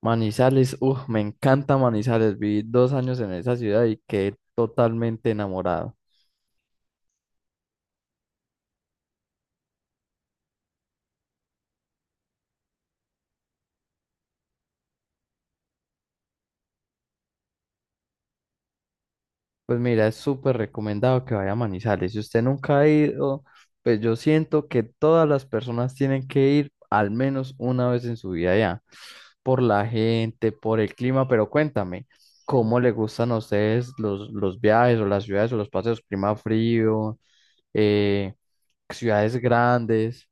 Manizales, uff, me encanta Manizales. Viví 2 años en esa ciudad y quedé totalmente enamorado. Pues mira, es súper recomendado que vaya a Manizales. Si usted nunca ha ido, pues yo siento que todas las personas tienen que ir al menos una vez en su vida ya, por la gente, por el clima, pero cuéntame, ¿cómo le gustan a ustedes los viajes o las ciudades o los paseos? Clima frío, eh, ciudades grandes.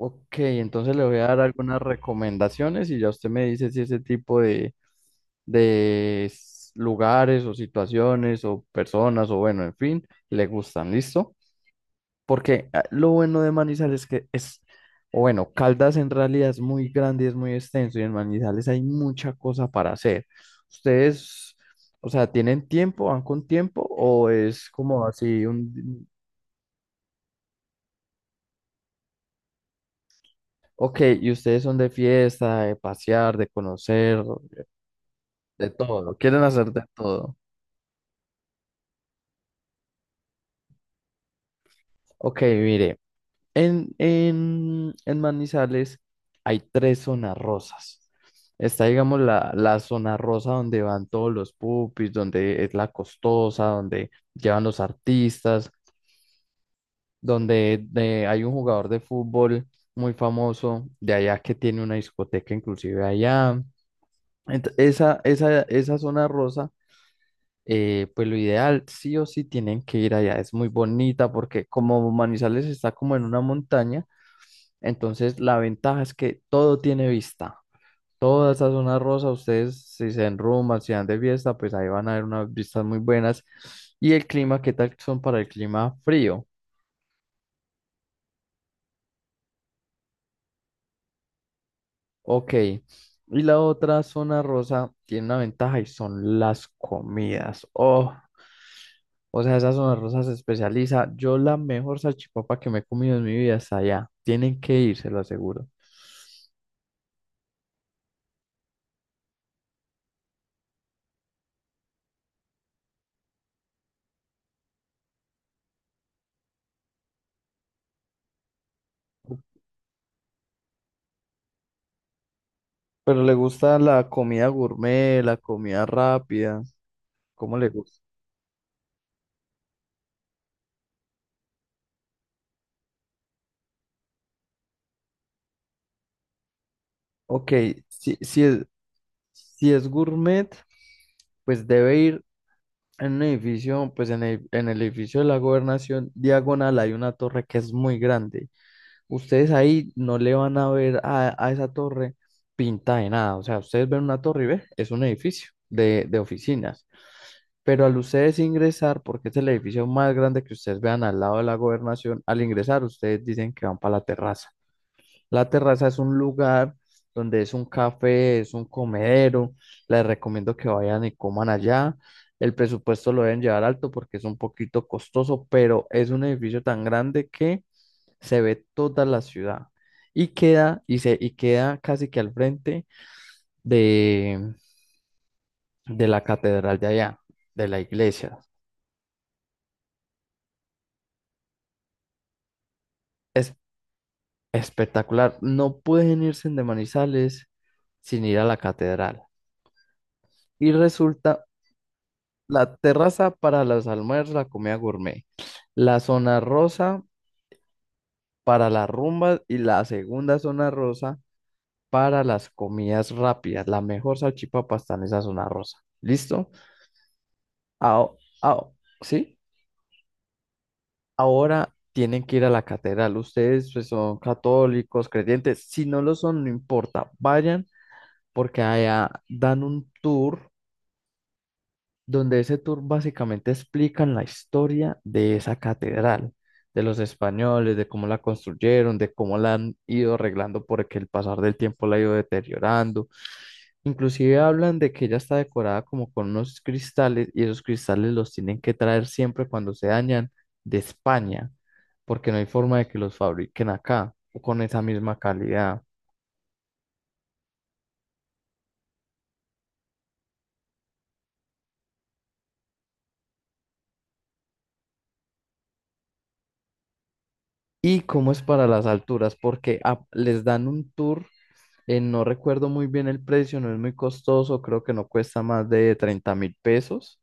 Ok, entonces le voy a dar algunas recomendaciones y ya usted me dice si ese tipo de lugares o situaciones o personas o bueno, en fin, le gustan, ¿listo? Porque ah, lo bueno de Manizales es que es, o bueno, Caldas en realidad es muy grande y es muy extenso y en Manizales hay mucha cosa para hacer. ¿Ustedes, o sea, tienen tiempo, van con tiempo o es como así un... Ok, ¿y ustedes son de fiesta, de pasear, de conocer? De todo, quieren hacer de todo. Ok, mire, en Manizales hay tres zonas rosas. Está, digamos, la zona rosa donde van todos los pupis, donde es la costosa, donde llevan los artistas, donde hay un jugador de fútbol muy famoso de allá que tiene una discoteca inclusive allá. Esa zona rosa pues lo ideal, sí o sí tienen que ir allá. Es muy bonita porque como Manizales está como en una montaña, entonces la ventaja es que todo tiene vista. Toda esa zona rosa, ustedes si se enruman, si dan de fiesta, pues ahí van a ver unas vistas muy buenas. Y el clima, ¿qué tal son para el clima frío? Ok. Y la otra zona rosa tiene una ventaja y son las comidas. Oh, o sea, esa zona rosa se especializa. Yo la mejor salchipapa que me he comido en mi vida está allá. Tienen que ir, se lo aseguro. Pero le gusta la comida gourmet, la comida rápida. ¿Cómo le gusta? Ok, si, si es, si es gourmet, pues debe ir en un edificio, pues en el edificio de la gobernación diagonal hay una torre que es muy grande. Ustedes ahí no le van a ver a esa torre pinta de nada. O sea, ustedes ven una torre y ve, es un edificio de oficinas. Pero al ustedes ingresar, porque es el edificio más grande que ustedes vean al lado de la gobernación, al ingresar ustedes dicen que van para la terraza. La terraza es un lugar donde es un café, es un comedero. Les recomiendo que vayan y coman allá. El presupuesto lo deben llevar alto porque es un poquito costoso, pero es un edificio tan grande que se ve toda la ciudad y queda, y se, y queda casi que al frente de, de la catedral de allá, de la iglesia. Es Espectacular. No pueden irse de Manizales sin ir a la catedral. Y resulta la terraza para los almuerzos, la comida gourmet, la zona rosa para las rumbas y la segunda zona rosa para las comidas rápidas. La mejor salchipapa está en esa zona rosa. ¿Listo? Ao- ao- ¿Sí? Ahora tienen que ir a la catedral. Ustedes pues, son católicos, creyentes. Si no lo son, no importa. Vayan porque allá dan un tour donde ese tour básicamente explican la historia de esa catedral, de los españoles, de cómo la construyeron, de cómo la han ido arreglando porque el pasar del tiempo la ha ido deteriorando. Inclusive hablan de que ella está decorada como con unos cristales y esos cristales los tienen que traer siempre cuando se dañan de España, porque no hay forma de que los fabriquen acá o con esa misma calidad. ¿Y cómo es para las alturas? Porque les dan un tour. No recuerdo muy bien el precio, no es muy costoso, creo que no cuesta más de 30.000 pesos.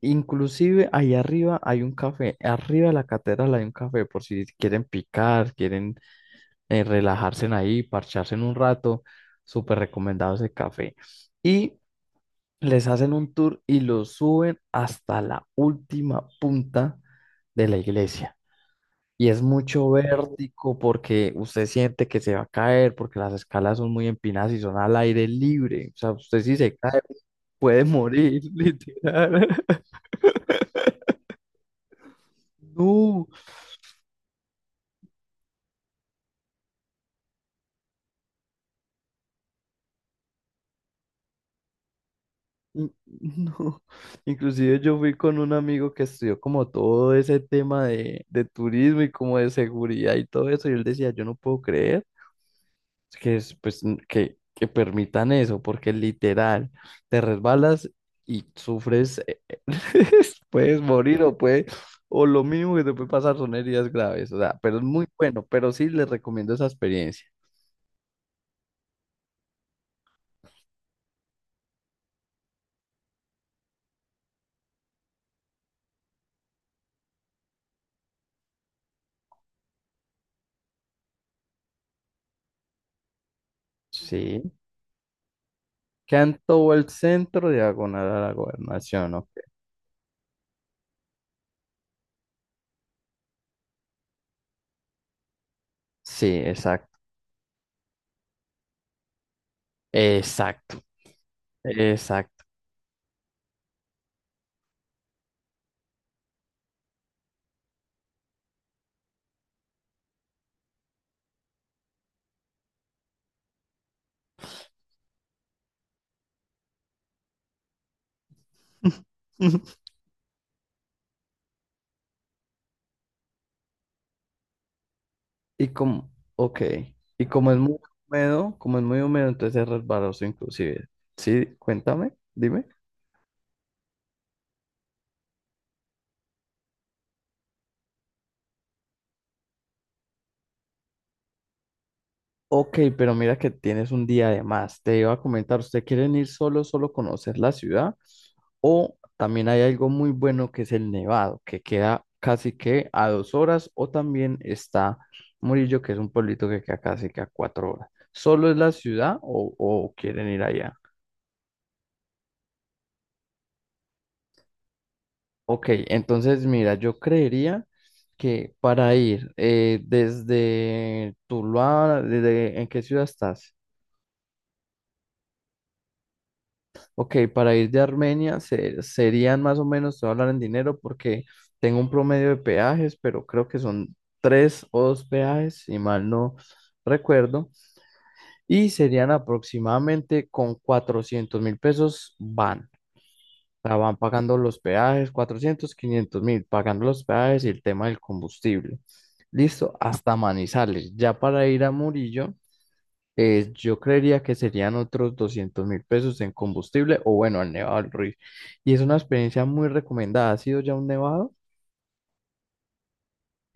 Inclusive ahí arriba hay un café, arriba de la catedral hay un café por si quieren picar, quieren relajarse en ahí, parcharse en un rato, súper recomendado ese café. Y les hacen un tour y los suben hasta la última punta de la iglesia. Y es mucho vértigo porque usted siente que se va a caer, porque las escalas son muy empinadas y son al aire libre. O sea, usted si se cae puede morir, literal. No, no. Inclusive yo fui con un amigo que estudió como todo ese tema de turismo y como de seguridad y todo eso, y él decía, yo no puedo creer. Que es, pues, que permitan eso, porque literal, te resbalas y sufres, puedes morir o puede, o lo mínimo que te puede pasar son heridas graves, o sea, pero es muy bueno, pero sí les recomiendo esa experiencia. Sí, quedan todo el centro diagonal a la gobernación, ok. Sí, exacto, exacto, exacto. Y como, ok, y como es muy húmedo, como es muy húmedo, entonces es resbaloso inclusive. Sí, cuéntame, dime. Ok, pero mira que tienes un día de más. Te iba a comentar, ¿usted quieren ir solo, solo conocer la ciudad? O también hay algo muy bueno que es el Nevado, que queda casi que a 2 horas, o también está Murillo, que es un pueblito que queda casi que a 4 horas. ¿Solo es la ciudad o quieren ir allá? Ok, entonces mira, yo creería que para ir desde Tuluá, desde, ¿en qué ciudad estás? Ok, para ir de Armenia serían más o menos, te voy a hablar en dinero porque tengo un promedio de peajes, pero creo que son tres o dos peajes, si mal no recuerdo, y serían aproximadamente con 400.000 pesos van. Sea, van pagando los peajes, 400 500 mil, pagando los peajes y el tema del combustible. Listo, hasta Manizales. Ya para ir a Murillo, yo creería que serían otros 200.000 pesos en combustible o bueno, al Nevado del Ruiz. Y es una experiencia muy recomendada. ¿Ha sido ya un nevado?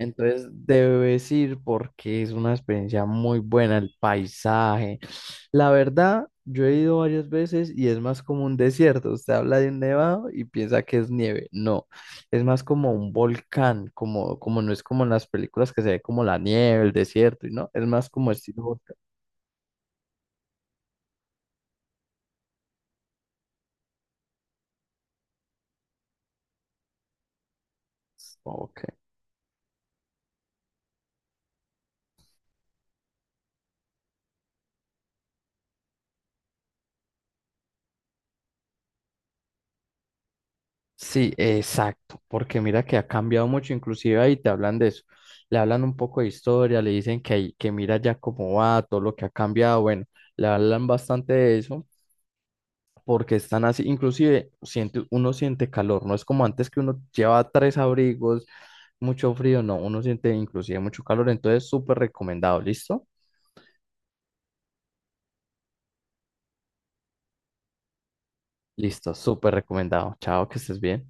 Entonces debes ir porque es una experiencia muy buena, el paisaje. La verdad, yo he ido varias veces y es más como un desierto. Usted habla de un nevado y piensa que es nieve. No, es más como un volcán, como, como no es como en las películas que se ve como la nieve, el desierto, y no, es más como estilo volcán. Ok. Sí, exacto, porque mira que ha cambiado mucho, inclusive ahí te hablan de eso, le hablan un poco de historia, le dicen que, ahí- que mira ya cómo va, todo lo que ha cambiado, bueno, le hablan bastante de eso, porque están así, inclusive siente, uno siente calor, no es como antes que uno lleva tres abrigos, mucho frío, no, uno siente inclusive mucho calor, entonces súper recomendado, ¿listo? Listo, súper recomendado, chao, que estés bien.